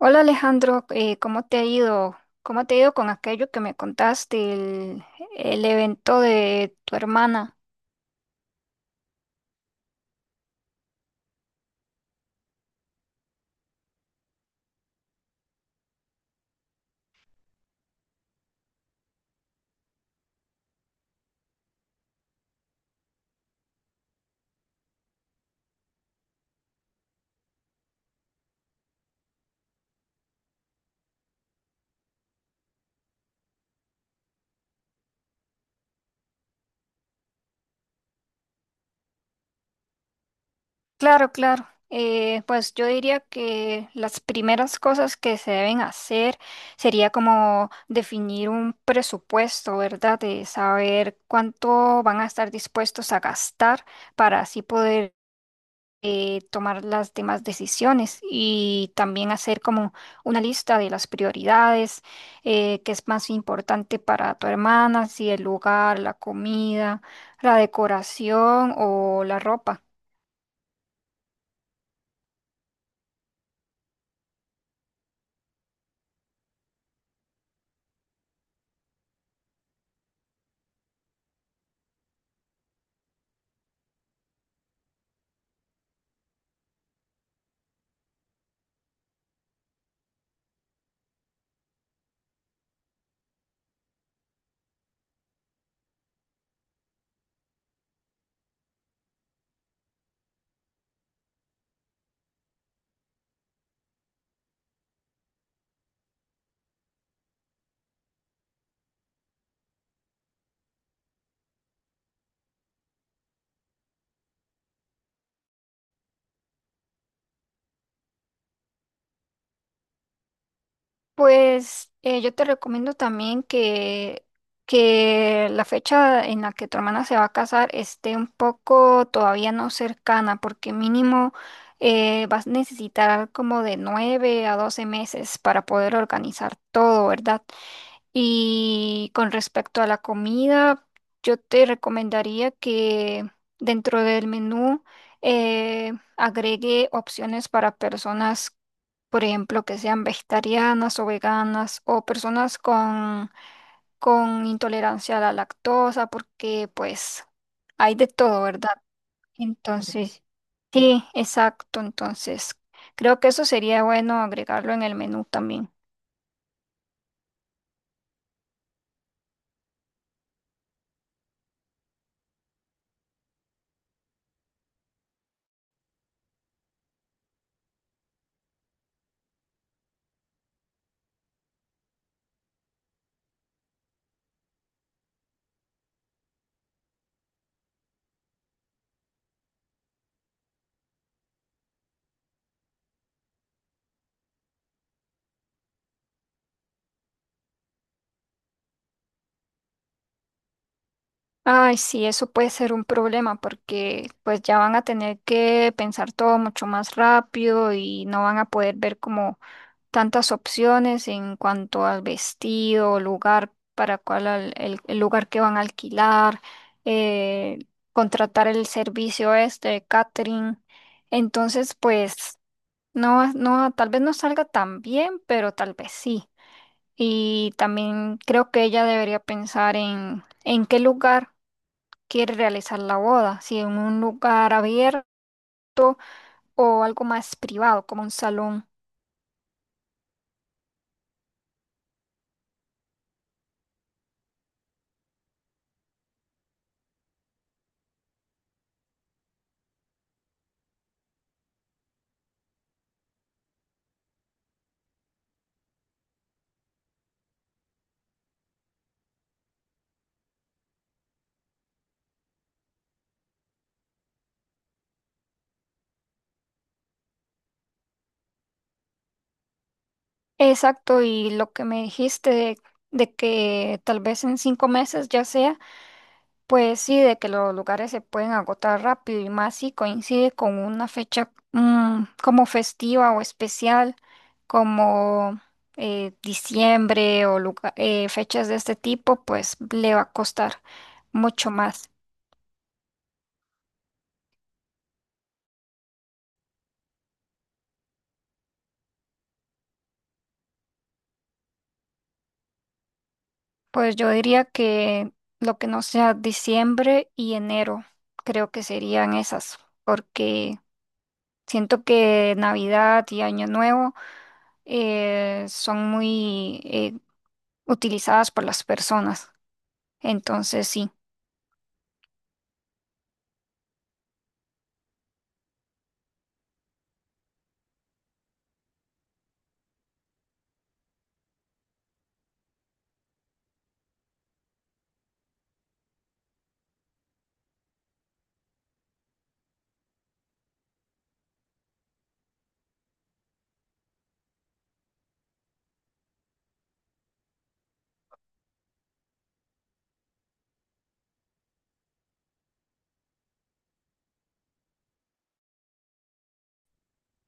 Hola Alejandro, ¿cómo te ha ido? ¿Cómo te ha ido con aquello que me contaste, el evento de tu hermana? Claro, claro. Pues yo diría que las primeras cosas que se deben hacer sería como definir un presupuesto, ¿verdad? De saber cuánto van a estar dispuestos a gastar para así poder tomar las demás decisiones y también hacer como una lista de las prioridades, qué es más importante para tu hermana, si el lugar, la comida, la decoración o la ropa. Pues yo te recomiendo también que la fecha en la que tu hermana se va a casar esté un poco todavía no cercana, porque mínimo vas a necesitar como de 9 a 12 meses para poder organizar todo, ¿verdad? Y con respecto a la comida, yo te recomendaría que dentro del menú eh, agregue opciones para personas, por ejemplo, que sean vegetarianas o veganas o personas con intolerancia a la lactosa, porque pues hay de todo, ¿verdad? Entonces, sí, exacto, entonces creo que eso sería bueno agregarlo en el menú también. Ay, sí, eso puede ser un problema porque pues ya van a tener que pensar todo mucho más rápido y no van a poder ver como tantas opciones en cuanto al vestido, lugar para cuál al- el lugar que van a alquilar, eh, contratar el servicio este de catering. Entonces, pues no, tal vez no salga tan bien, pero tal vez sí. Y también creo que ella debería pensar en qué lugar quiere realizar la boda, si en un lugar abierto o algo más privado, como un salón. Exacto, y lo que me dijiste de que tal vez en 5 meses ya sea, pues sí, de que los lugares se pueden agotar rápido y más si coincide con una fecha como festiva o especial, como diciembre o fechas de este tipo, pues le va a costar mucho más. Pues yo diría que lo que no sea diciembre y enero, creo que serían esas, porque... Siento que Navidad y Año Nuevo son muy utilizadas por las personas. Entonces, sí.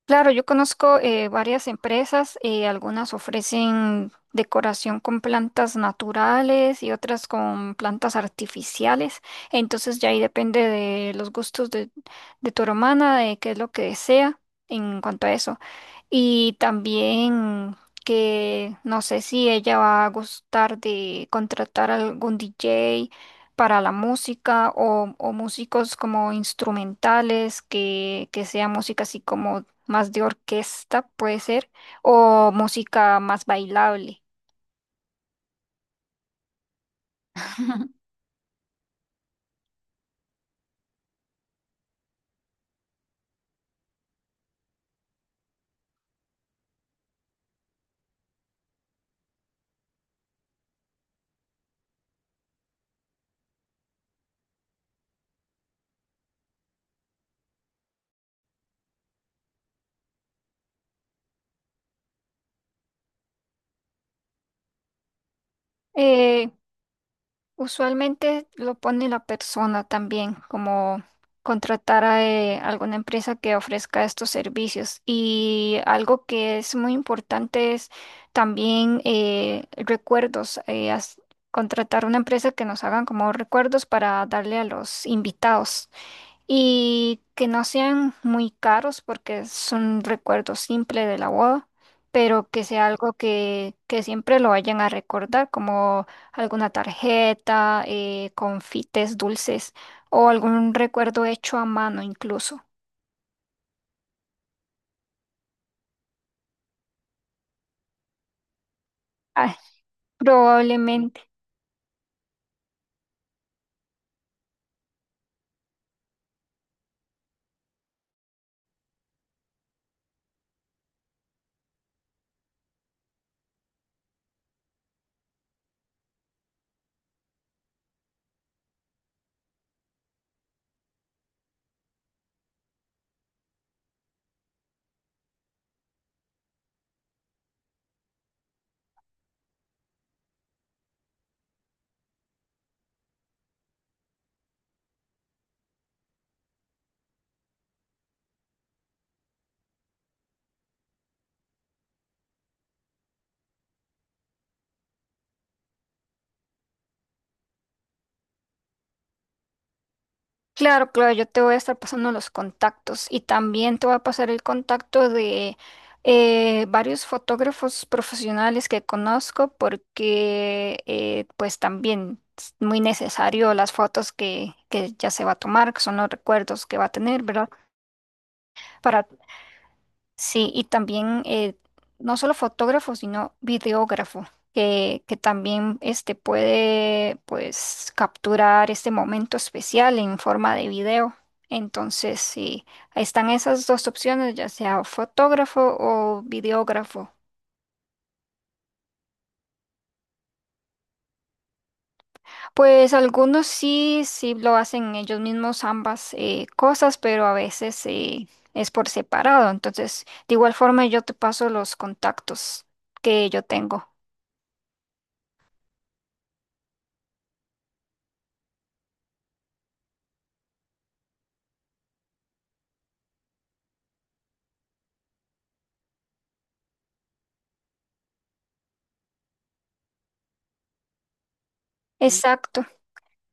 Claro, yo conozco varias empresas, algunas ofrecen decoración con plantas naturales y otras con plantas artificiales. Entonces, ya ahí depende de los gustos de tu hermana, de qué es lo que desea en cuanto a eso. Y también que no sé si ella va a gustar de contratar algún DJ para la música o músicos como instrumentales, que sea música así como más de orquesta, puede ser, o música más bailable. Eh, Usualmente lo pone la persona también, como contratar a alguna empresa que ofrezca estos servicios. Y algo que es muy importante es también recuerdos, contratar una empresa que nos hagan como recuerdos para darle a los invitados y que no sean muy caros porque son recuerdos simples de la boda, pero que sea algo que siempre lo vayan a recordar, como alguna tarjeta, confites dulces o algún recuerdo hecho a mano incluso. Ah, probablemente. Claro, claro, yo te voy a estar pasando los contactos y también te voy a pasar el contacto de varios fotógrafos profesionales que conozco porque pues también es muy necesario las fotos que ya se va a tomar, que son los recuerdos que va a tener, ¿verdad? Sí, y también no solo fotógrafo, sino videógrafo, que también este, puede pues, capturar este momento especial en forma de video. Entonces, sí, ahí están esas dos opciones, ya sea fotógrafo o videógrafo. Pues algunos sí, sí lo hacen ellos mismos ambas cosas, pero a veces es por separado. Entonces, de igual forma, yo te paso los contactos que yo tengo. Exacto.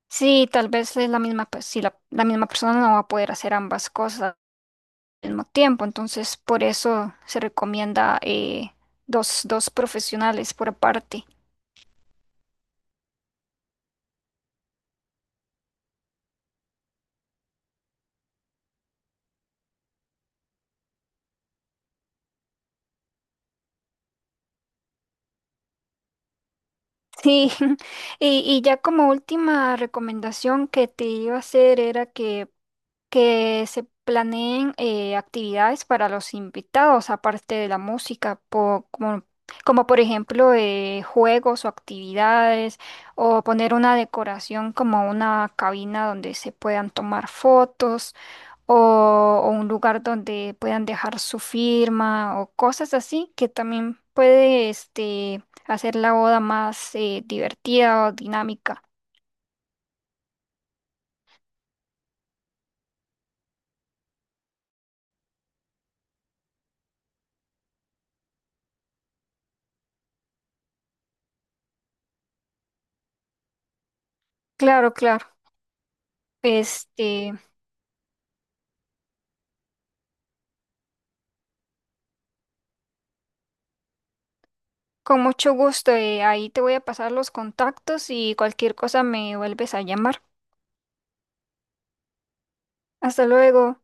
Sí, tal vez es la misma, pues, si la misma persona no va a poder hacer ambas cosas al mismo tiempo, entonces por eso se recomienda dos profesionales por aparte. Sí, y ya como última recomendación que te iba a hacer era que se planeen actividades para los invitados, aparte de la música, como, como por ejemplo juegos o actividades, o poner una decoración como una cabina donde se puedan tomar fotos, o un lugar donde puedan dejar su firma, o cosas así, que también puede este, hacer la boda más divertida o dinámica. Claro, claro. Este. Con mucho gusto, ahí te voy a pasar los contactos y cualquier cosa me vuelves a llamar. Hasta luego.